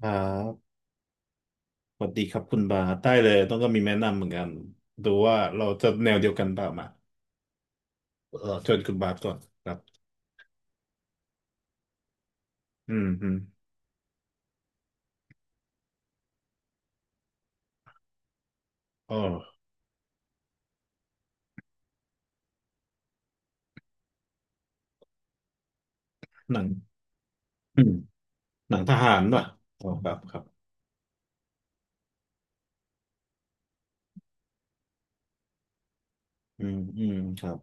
ครับสวัสดีครับคุณบาสได้เลยต้องก็มีแนะนำเหมือนกันดูว่าเราจะแนวเดียวกันเปล่ามาเออเชิญคุณบาสก่อนครับอืมอืมอ๋อหนังอืมหนังทหารป่ะอ๋อครับครับอืมอืมครับ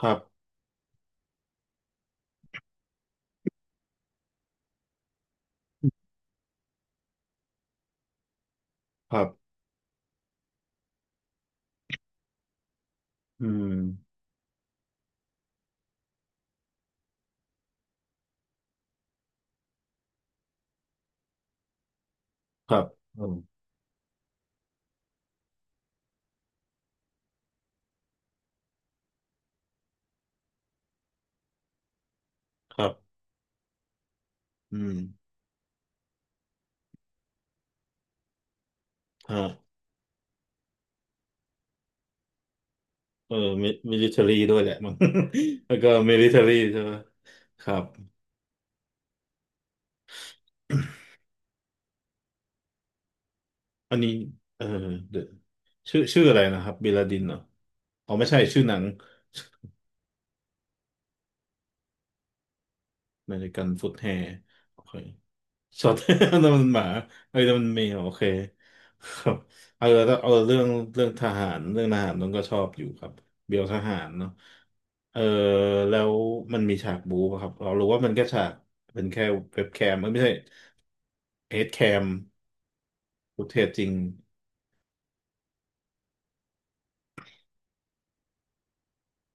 ครับครับอืมครับอืมครับอืมฮะเออมิมิลิเทอรี่ด้วยแหละ มั้ง แล้วก็มิลิเทอรี่ใช่ไหมครับอันนี้เออเดี๋ยวชื่อชื่ออะไรนะครับบิลาดินเหรออ๋อไม่ใช่ชื่อหนัง นาฬิกันฟุตแฮร์โอเค ช็อต นั่นมันหมา เอ้ยนั่นมันแมวโอเคครับเอาแล้วเอาเรื่องเรื่องทหารเรื่องทหารน้องก็ชอบอยู่ครับเบลทหารเนาะเออ แล้วมันมีฉากบู๊ป่ะครับ เรารู้ว่ามันแค่ฉาก เป็นแค่เว็บแคมเอ้ยไม่ใช่เฮดแคมฟุตเทจจริง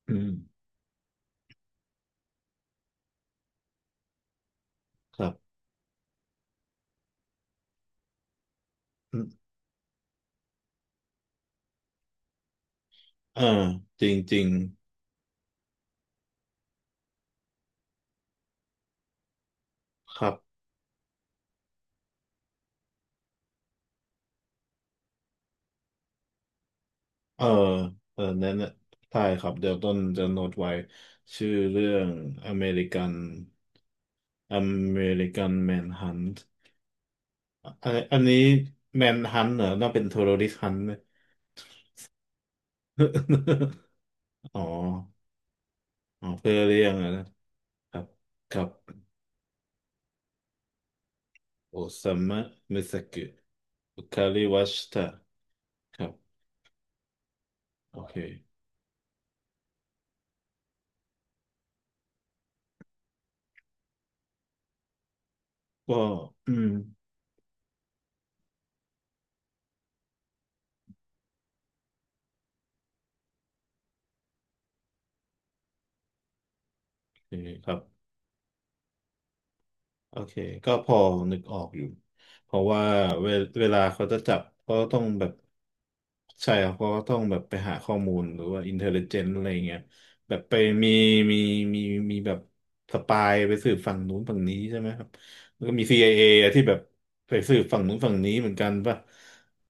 อืมครับอืมเออจริงจริง ครับเออเออนั่นน่ะใช่ครับเดี๋ยวต้นจะโน้ตไว้ชื่อเรื่องอเมริกัน อเมริกันแมนฮันต์อันอันนี้แมนฮันต์เหรอน่าเป็นเทอร์ริสต์ฮันต์เนี่ย อ๋ออ๋อเพื่อเรียกอะนะครับครับโอซามะมิซากุคาริวัชตะครับโอเคก็อืมโอเคครับ โอเคก็พอนึกออกอยู่เพราะว่าเวเวลาเขาจะจับก็ต้องแบบใช่ครับเขาก็ต้องแบบไปหาข้อมูลหรือว่าอินเทลเจนอะไรเงี้ยแบบไปมีมีมีมีแบบสปายไปสืบฝั่งนู้นฝั่งนี้ใช่ไหมครับแล้วก็มี CIA อเออะที่แบบไปสืบฝั่งนู้นฝั่งนี้เหมือนกันป่ะ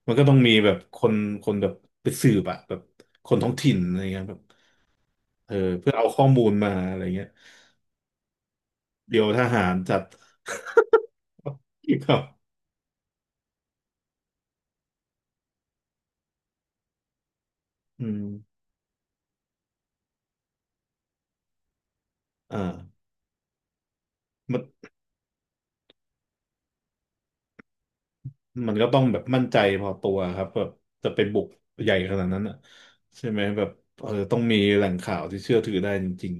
มันก็ต้องมีแบบคนคนแบบไปสืบอะแบบคนท้องถิ่นอะไรเงี้ยแบบเออเพื่อเอาข้อมูลมาอะไรเงี้ยเดี๋ยวทหารจัด ครับ อืมอ่ามันมันก็ต้องแบบมั่นใจพอตัวครับแบบจะไปบุกใหญ่ขนาดนั้นอ่ะใช่ไหมแบบเออต้องมีแหล่งข่าวที่เชื่อถือได้จริง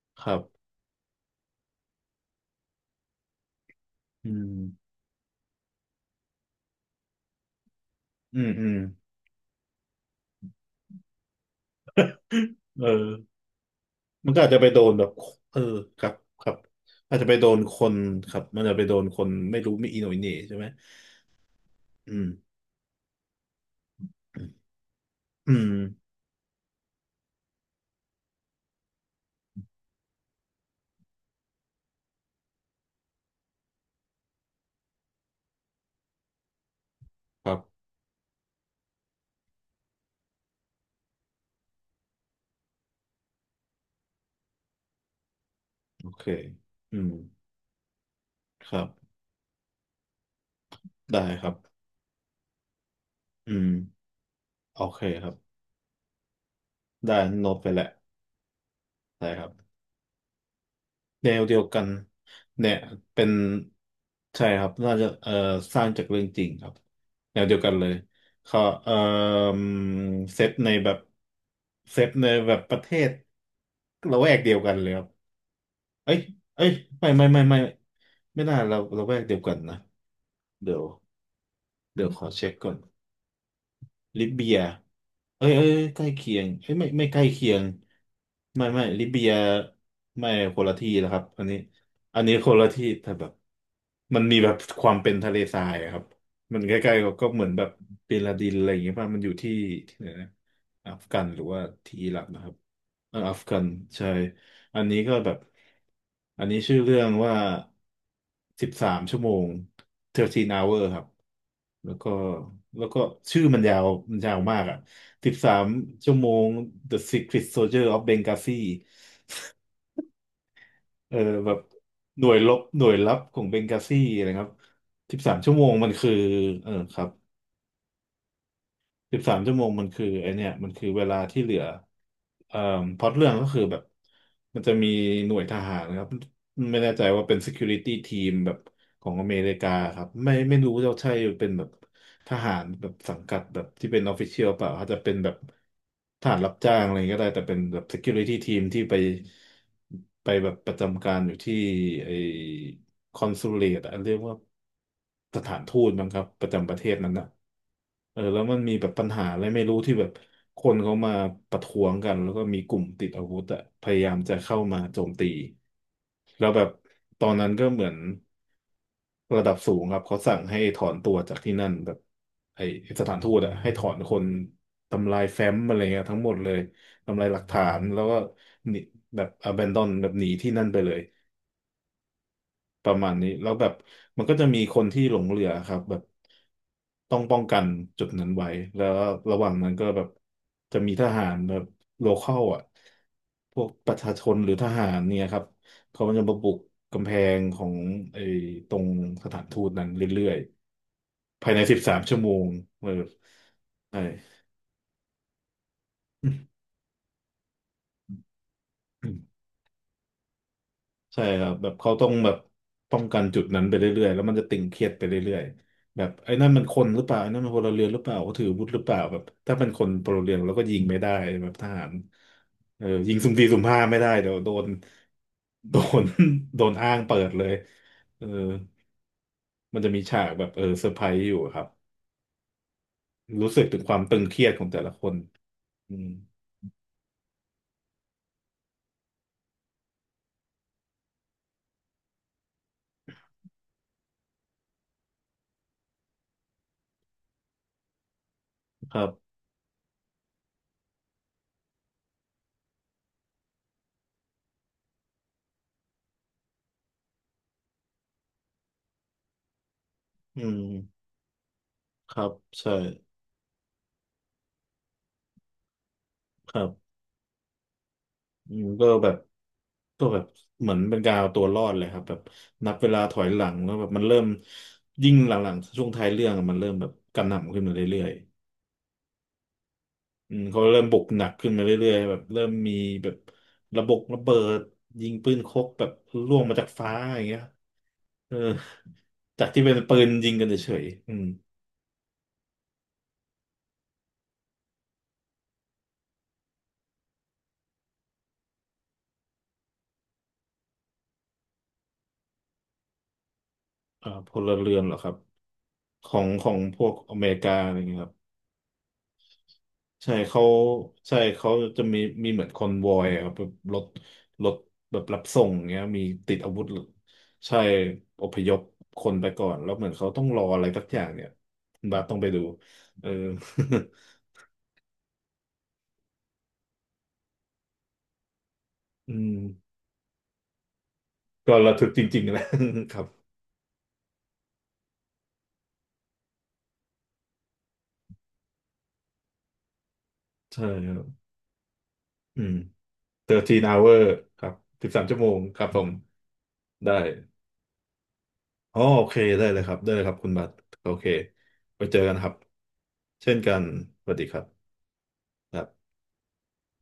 ๆครับอืมอืมอืมเออมันก็อาจจะไปโดนแบบเออครับครับอาจจะไปโดนคนครับมันจะไปโดนคนไม่รู้มีอีโหน่อีเหน่ใช่ไหมอืมอืมครับโอเคอืมครับได้ครับอืมโอเคครับได้โน้ตไปแหละได้ครับ แนวเดียวกันเนี่ยเป็นใช่ครับน่าจะสร้างจากเรื่องจริงครับแนวเดียวกันเลยเขาเซตในแบบเซตในแบบประเทศละแวกเดียวกันเลยครับเอ้ยเอ้ยไม่ไม่ไม่ไม่ไม่น่าเราละแวกเดียวกันนะเดี๋ยวขอเช็คก่อน ลิเบียเอ้ยเอ้ยเอ้ยใกล้เคียงเอ้ยไม่ไม่ใกล้เคียงไม่ไม่ลิเบียไม่คนละที่แล้วครับอันนี้อันนี้คนละที่แต่แบบมันมีแบบความเป็นทะเลทรายอะครับมันใกล้ๆกับก็เหมือนแบบเป็นลาดินอะไรอย่างเงี้ยป่ะมันอยู่ที่ที่ไหนนะอัฟกันหรือว่าที่อิรักนะครับเอออัฟกันใช่อันนี้ก็แบบอันนี้ชื่อเรื่องว่าสิบสามชั่วโมง13 hour ครับ แล้วก็แล้วก็ชื่อมันยาวมันยาวมากอ่ะสิบสามชั่วโมง The Secret Soldier of Benghazi เออแบบหน่วยรบหน่วยลับของเบงกาซีอะไรครับสิบสามชั่วโมงมันคือเออครับ สิบสามชั่วโมงมันคือไอเนี่ยมันคือเวลาที่เหลือเอ่อพล็อตเรื่องก็คือแบบมันจะมีหน่วยทหารครับไม่แน่ใจว่าเป็น security team แบบของอเมริกาครับไม่ไม่รู้ว่าใช่เป็นแบบทหารแบบสังกัดแบบที่เป็น official เปล่าอาจจะเป็นแบบทหารรับจ้างอะไรก็ได้แต่เป็นแบบ security team ที่ไปไปแบบประจำการอยู่ที่ไอคอนซูเลตอะเรียกว่า สถานทูตมั้งครับประจำประเทศนั้นนะเออแล้วมันมีแบบปัญหาอะไรไม่รู้ที่แบบคนเขามาประท้วงกันแล้วก็มีกลุ่มติดอาวุธอะพยายามจะเข้ามาโจมตีแล้วแบบตอนนั้นก็เหมือนระดับสูงครับเขาสั่งให้ถอนตัวจากที่นั่นแบบไอ้สถานทูตอะให้ถอนคนทำลายแฟ้มอะไรเงี้ยทั้งหมดเลยทำลายหลักฐานแล้วก็หนีแบบ abandon แบบหนีที่นั่นไปเลย ประมาณนี้แล้วแบบมันก็จะมีคนที่หลงเหลือครับแบบต้องป้องกันจุดนั้นไว้แล้วระหว่างนั้นก็แบบจะมีทหารแบบโลคอลอ่ะพวกประชาชนหรือทหารเนี่ยครับเขามันจะมาบุกกำแพงของไอ้ตรงสถานทูตนั้นเรื่อยๆภายในสิบสามชั่วโมงเลยแบบใช่ ใช่ครับแบบเขาต้องแบบป้องกันจุดนั้นไปเรื่อยๆแล้วมันจะตึงเครียดไปเรื่อยๆแบบไอ้นั่นมันคนหรือเปล่าไอ้นั่นมันพลเรือนหรือเปล่าเขาถืออาวุธหรือเปล่าแบบถ้าเป็นคนพลเรือนเราก็ยิงไม่ได้แบบทหารเออยิงสุ่มสี่สุ่มห้าไม่ได้เดี๋ยวโดนโดน โดนอ้างเปิดเลยเออมันจะมีฉากแบบเออเซอร์ไพรส์อยู่ครับรู้สึกถึงความตึงเครียดของแต่ละคนอืมครับอืมครับใช่ครับ อืมก็แบบก็แบบเหมือนเป็นการเอาตัวรอดเลยครับแบบนับเวลาถอยหลังแล้วแบบมันเริ่มยิ่งหลังๆช่วงท้ายเรื่องอะมันเริ่มแบบกระหน่ำขึ้นมาเรื่อยๆอืมเขาเริ่มบุกหนักขึ้นมาเรื่อยๆแบบเริ่มมีแบบระบบระเบิดยิงปืนคกแบบล่วงมาจากฟ้าอย่างเงี้ยเออจากที่เป็นปืนยิงกันเฉยๆอืมอ่าพลเรือนเหรอครับของของพวกอเมริกาอะไรอย่างเงี้ยครับ ใช่เขาใช่เขาจะมีมีเหมือนคอนวอยอะครับแบบรถรถแบบรับส่งเงี้ยมีติดอาวุธใช่อพยพคนไปก่อนแล้วเหมือนเขาต้องรออะไรสักอย่างเนี่ยคุณบาสต้องไปดูเออ อืมก็ระทึกจริงๆนะครับใช่ครับอืม13 hour ครับ13ชั่วโมงครับผมได้อ๋อโอเคได้เลยครับได้เลยครับคุณบัตรโอเคไปเจอกันครับเช่นกันสวัสดีครับครับ